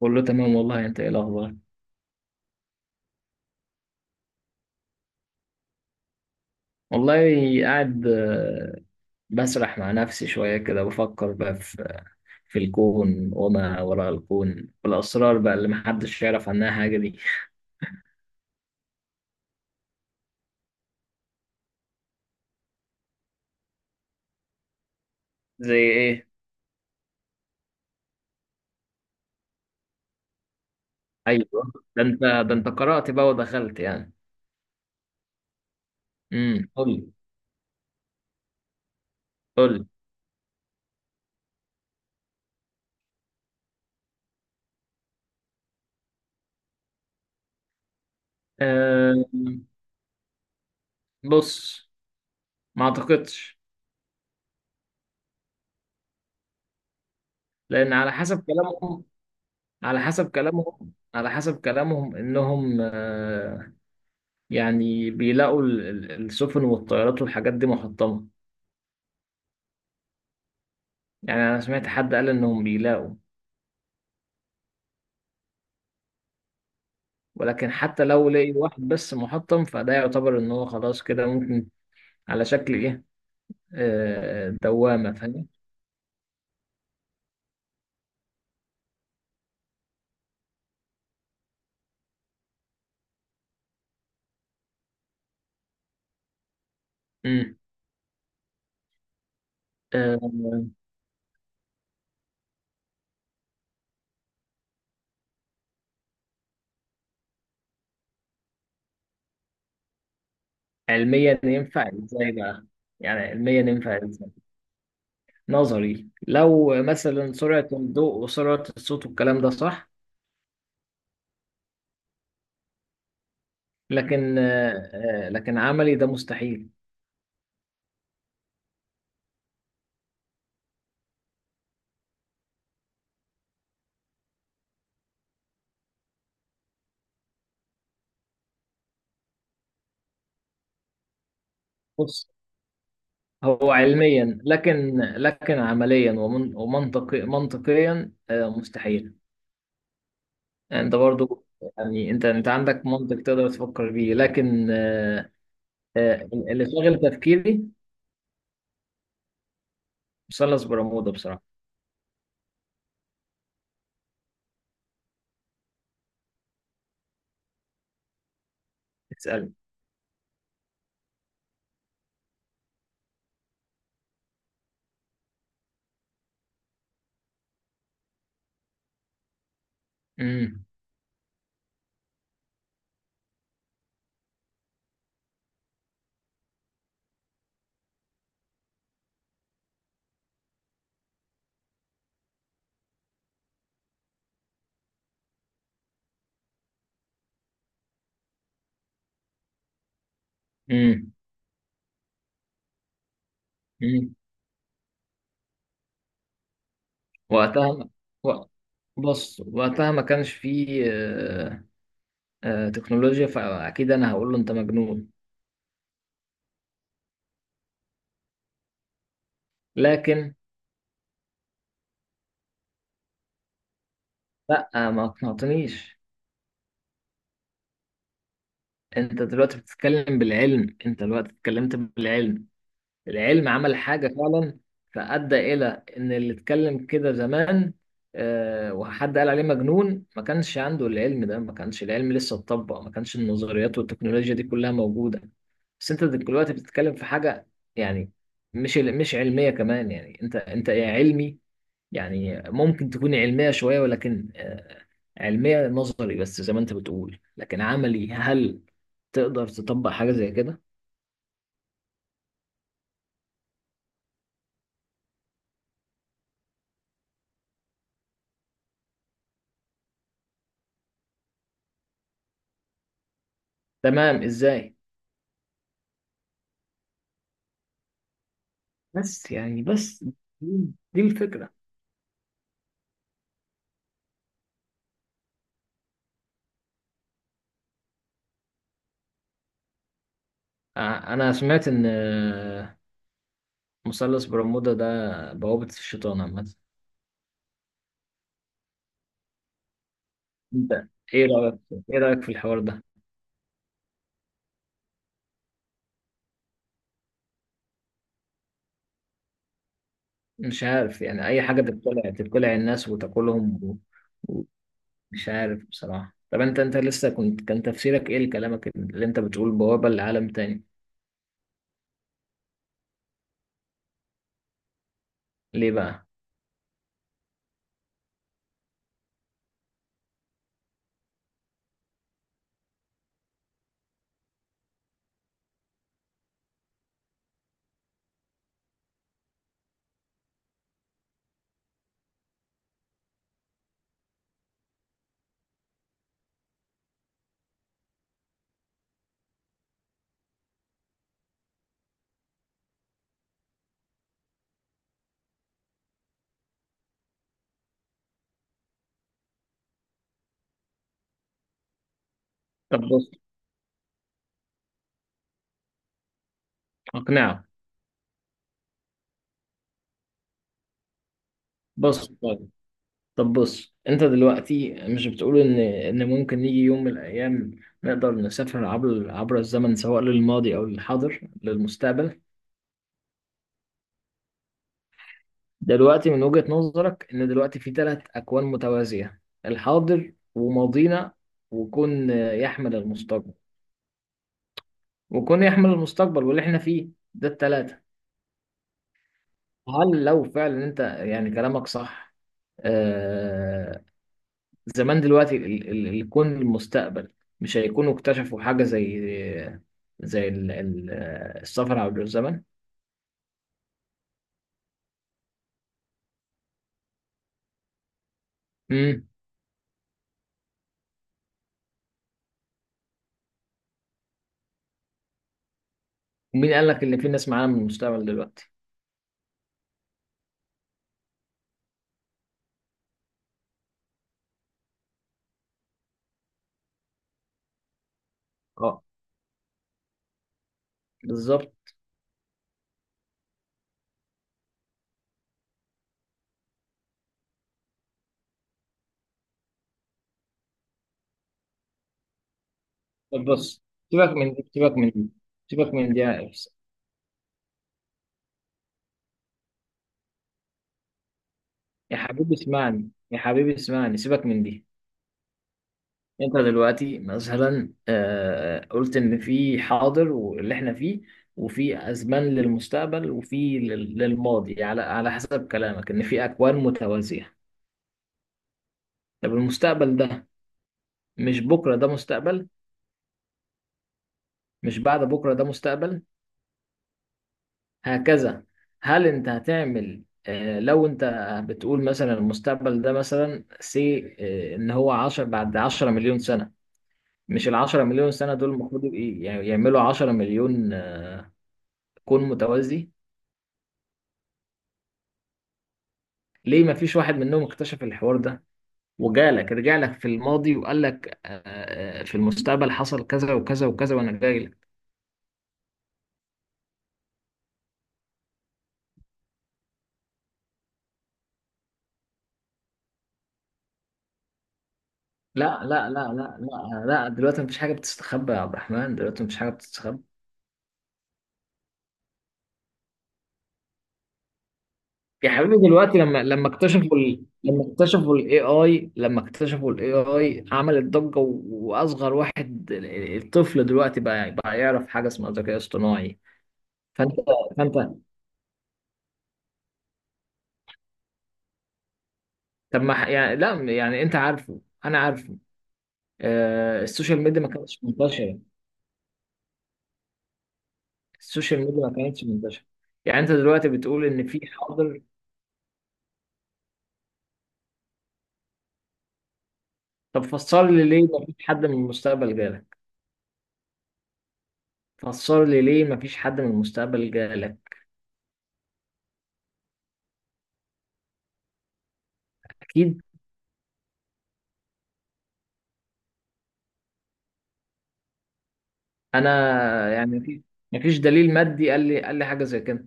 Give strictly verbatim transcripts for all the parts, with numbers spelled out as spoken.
كله تمام والله، انت ايه الاخبار؟ والله، قاعد آه، بسرح مع نفسي شويه كده، بفكر بقى في في الكون وما وراء الكون والاسرار بقى اللي محدش يعرف عنها حاجه دي. زي ايه؟ ايوه، ده انت ده انت قرأت بقى ودخلت يعني. امم، قول لي. قول لي. أه. بص، ما اعتقدش. لان على حسب كلامهم على حسب كلامهم على حسب كلامهم انهم آه، يعني بيلاقوا ال- ال- السفن والطيارات والحاجات دي محطمة. يعني أنا سمعت حد قال إنهم بيلاقوا. ولكن حتى لو لقي واحد بس محطم، فده يعتبر إن هو خلاص كده ممكن. على شكل إيه؟ آه، دوامة، فاهم؟ مم. آه، علميا ينفع إزاي بقى؟ يعني علميا ينفع إزاي؟ نظري، لو مثلا سرعة الضوء وسرعة الصوت والكلام ده صح. لكن آه، آه، لكن عملي ده مستحيل. هو علميا، لكن لكن عمليا، ومن ومنطقي منطقيا آه، مستحيل. انت برضو، يعني انت انت عندك منطق تقدر تفكر بيه، لكن آه، آه، اللي شاغل تفكيري مثلث برمودا بصراحة. اسأل. امم. امم. امم. وقتها و- بص، وقتها ما كانش فيه آه، آه، تكنولوجيا، فاكيد انا هقول له انت مجنون. لكن لا، ما اقنعتنيش. انت دلوقتي بتتكلم بالعلم، انت دلوقتي اتكلمت بالعلم. العلم عمل حاجة فعلا، فأدى إلى إن اللي اتكلم كده زمان آه، وحد قال عليه مجنون، ما كانش عنده العلم ده، ما كانش العلم لسه اتطبق، ما كانش النظريات والتكنولوجيا دي كلها موجودة. بس انت دلوقتي بتتكلم في حاجة، يعني مش مش علمية كمان، يعني انت انت يا علمي. يعني ممكن تكون علمية شوية، ولكن آه، علمية نظري بس زي ما انت بتقول، لكن عملي، هل تقدر تطبق حاجة زي كده؟ تمام، ازاي؟ بس يعني بس دي الفكرة. ع- انا سمعت ان آه، مثلث برمودا ده بوابة الشيطان عامة. انت، ايه رأيك؟ ايه رأيك في الحوار ده؟ مش عارف، يعني اي حاجة تبتلع، تبتلع الناس وتاكلهم و- ومش عارف بصراحة. طب انت، انت لسه كنت، كان تفسيرك ايه لكلامك اللي انت بتقول بوابة لعالم تاني؟ ليه بقى؟ طب بص، اقنعه. بص، طب بص، انت دلوقتي مش بتقول ان ان ممكن يجي يوم من الايام نقدر نسافر عبر عبر الزمن، سواء للماضي او للحاضر للمستقبل؟ دلوقتي من وجهة نظرك ان دلوقتي في ثلاث اكوان متوازية، الحاضر وماضينا، وكون يحمل المستقبل وكون يحمل المستقبل واللي احنا فيه، ده الثلاثة. هل لو فعلا انت يعني كلامك صح، آه، زمان دلوقتي ال- ال- الكون المستقبل، مش هيكونوا اكتشفوا حاجة زي زي ال- ال- السفر عبر الزمن؟ امم. ومين قال لك ان في ناس معانا من المستقبل دلوقتي؟ اه، بالظبط. طب بص، سيبك من دي، سيبك من دي، سيبك من دي. يا حبيبي اسمعني، يا حبيبي اسمعني، سيبك من دي. انت دلوقتي مثلا آه، قلت ان في حاضر واللي احنا فيه، وفي ازمان للمستقبل وفي لل- للماضي، على على حسب كلامك ان في اكوان متوازية. طب المستقبل ده، مش بكرة ده مستقبل؟ مش بعد بكرة ده مستقبل؟ هكذا. هل انت هتعمل آه، لو انت بتقول مثلا المستقبل ده مثلا سي آه، ان هو عشر بعد عشرة مليون سنة. مش العشرة مليون سنة دول المفروض يبقى- يعني يعملوا عشرة مليون آه، كون متوازي؟ ليه ما فيش واحد منهم اكتشف الحوار ده وجالك، رجع لك في الماضي وقال لك آه، آه، في المستقبل حصل كذا وكذا وكذا وانا جاي لك؟ لا لا لا لا لا لا، دلوقتي مفيش حاجه بتستخبى يا عبد الرحمن، دلوقتي مفيش حاجه بتستخبى. يا حبيبي، دلوقتي لما لما اكتشفوا ال... لما اكتشفوا الاي اي لما اكتشفوا الاي اي عملت ضجه، و- واصغر واحد، ال- الطفل دلوقتي بقى بقى يعرف حاجه اسمها ذكاء اصطناعي. فانت فانت طب ما ح- يعني لا، يعني انت عارفه انا عارفه آه، السوشيال ميديا ما كانتش منتشره السوشيال ميديا ما كانتش منتشره يعني انت دلوقتي بتقول ان في حاضر. طب فسر لي ليه ما فيش حد من المستقبل جالك؟ فسر لي ليه ما فيش حد من المستقبل جالك؟ اكيد. انا يعني مفيش، مفيش دليل مادي قال لي، قال لي حاجه زي كده.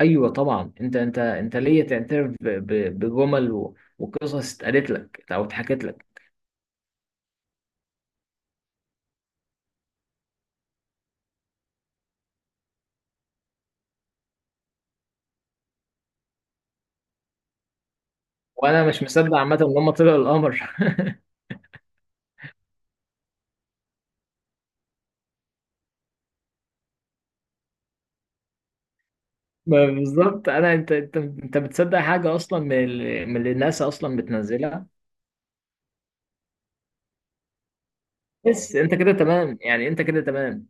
ايوه طبعا، انت انت انت ليه تعترف ب- ب- بجمل و- وقصص اتقالت لك او اتحكت لك؟ وانا مش مصدق عامه ان هم طلعوا القمر. ما بالظبط انا، انت انت انت بتصدق حاجه اصلا من ال- من اللي الناس اصلا بتنزلها. بس انت كده تمام، يعني انت كده تمام.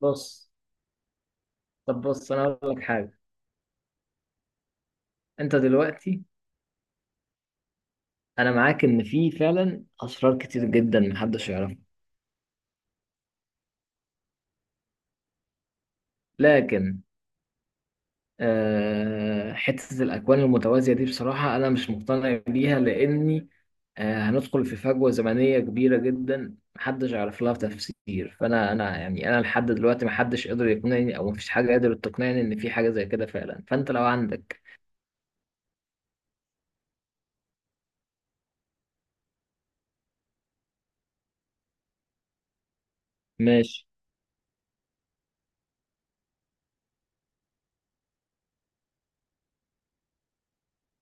بص، طب بص، انا هقول لك حاجه. انت دلوقتي، انا معاك ان في فعلا اسرار كتير جدا محدش يعرفها. لكن آه، حتة الأكوان المتوازية دي بصراحة أنا مش مقتنع بيها، لأني آه، هندخل في فجوة زمنية كبيرة جدا محدش يعرف لها تفسير. فأنا، أنا يعني أنا لحد دلوقتي محدش قدر يقنعني، أو مفيش حاجة قدرت تقنعني إن في حاجة زي كده فعلا. فأنت لو عندك. ماشي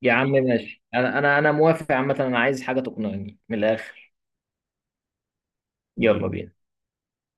يا عم، ماشي. أنا أنا أنا موافق عامة، أنا عايز حاجة تقنعني من الآخر. يلا بينا.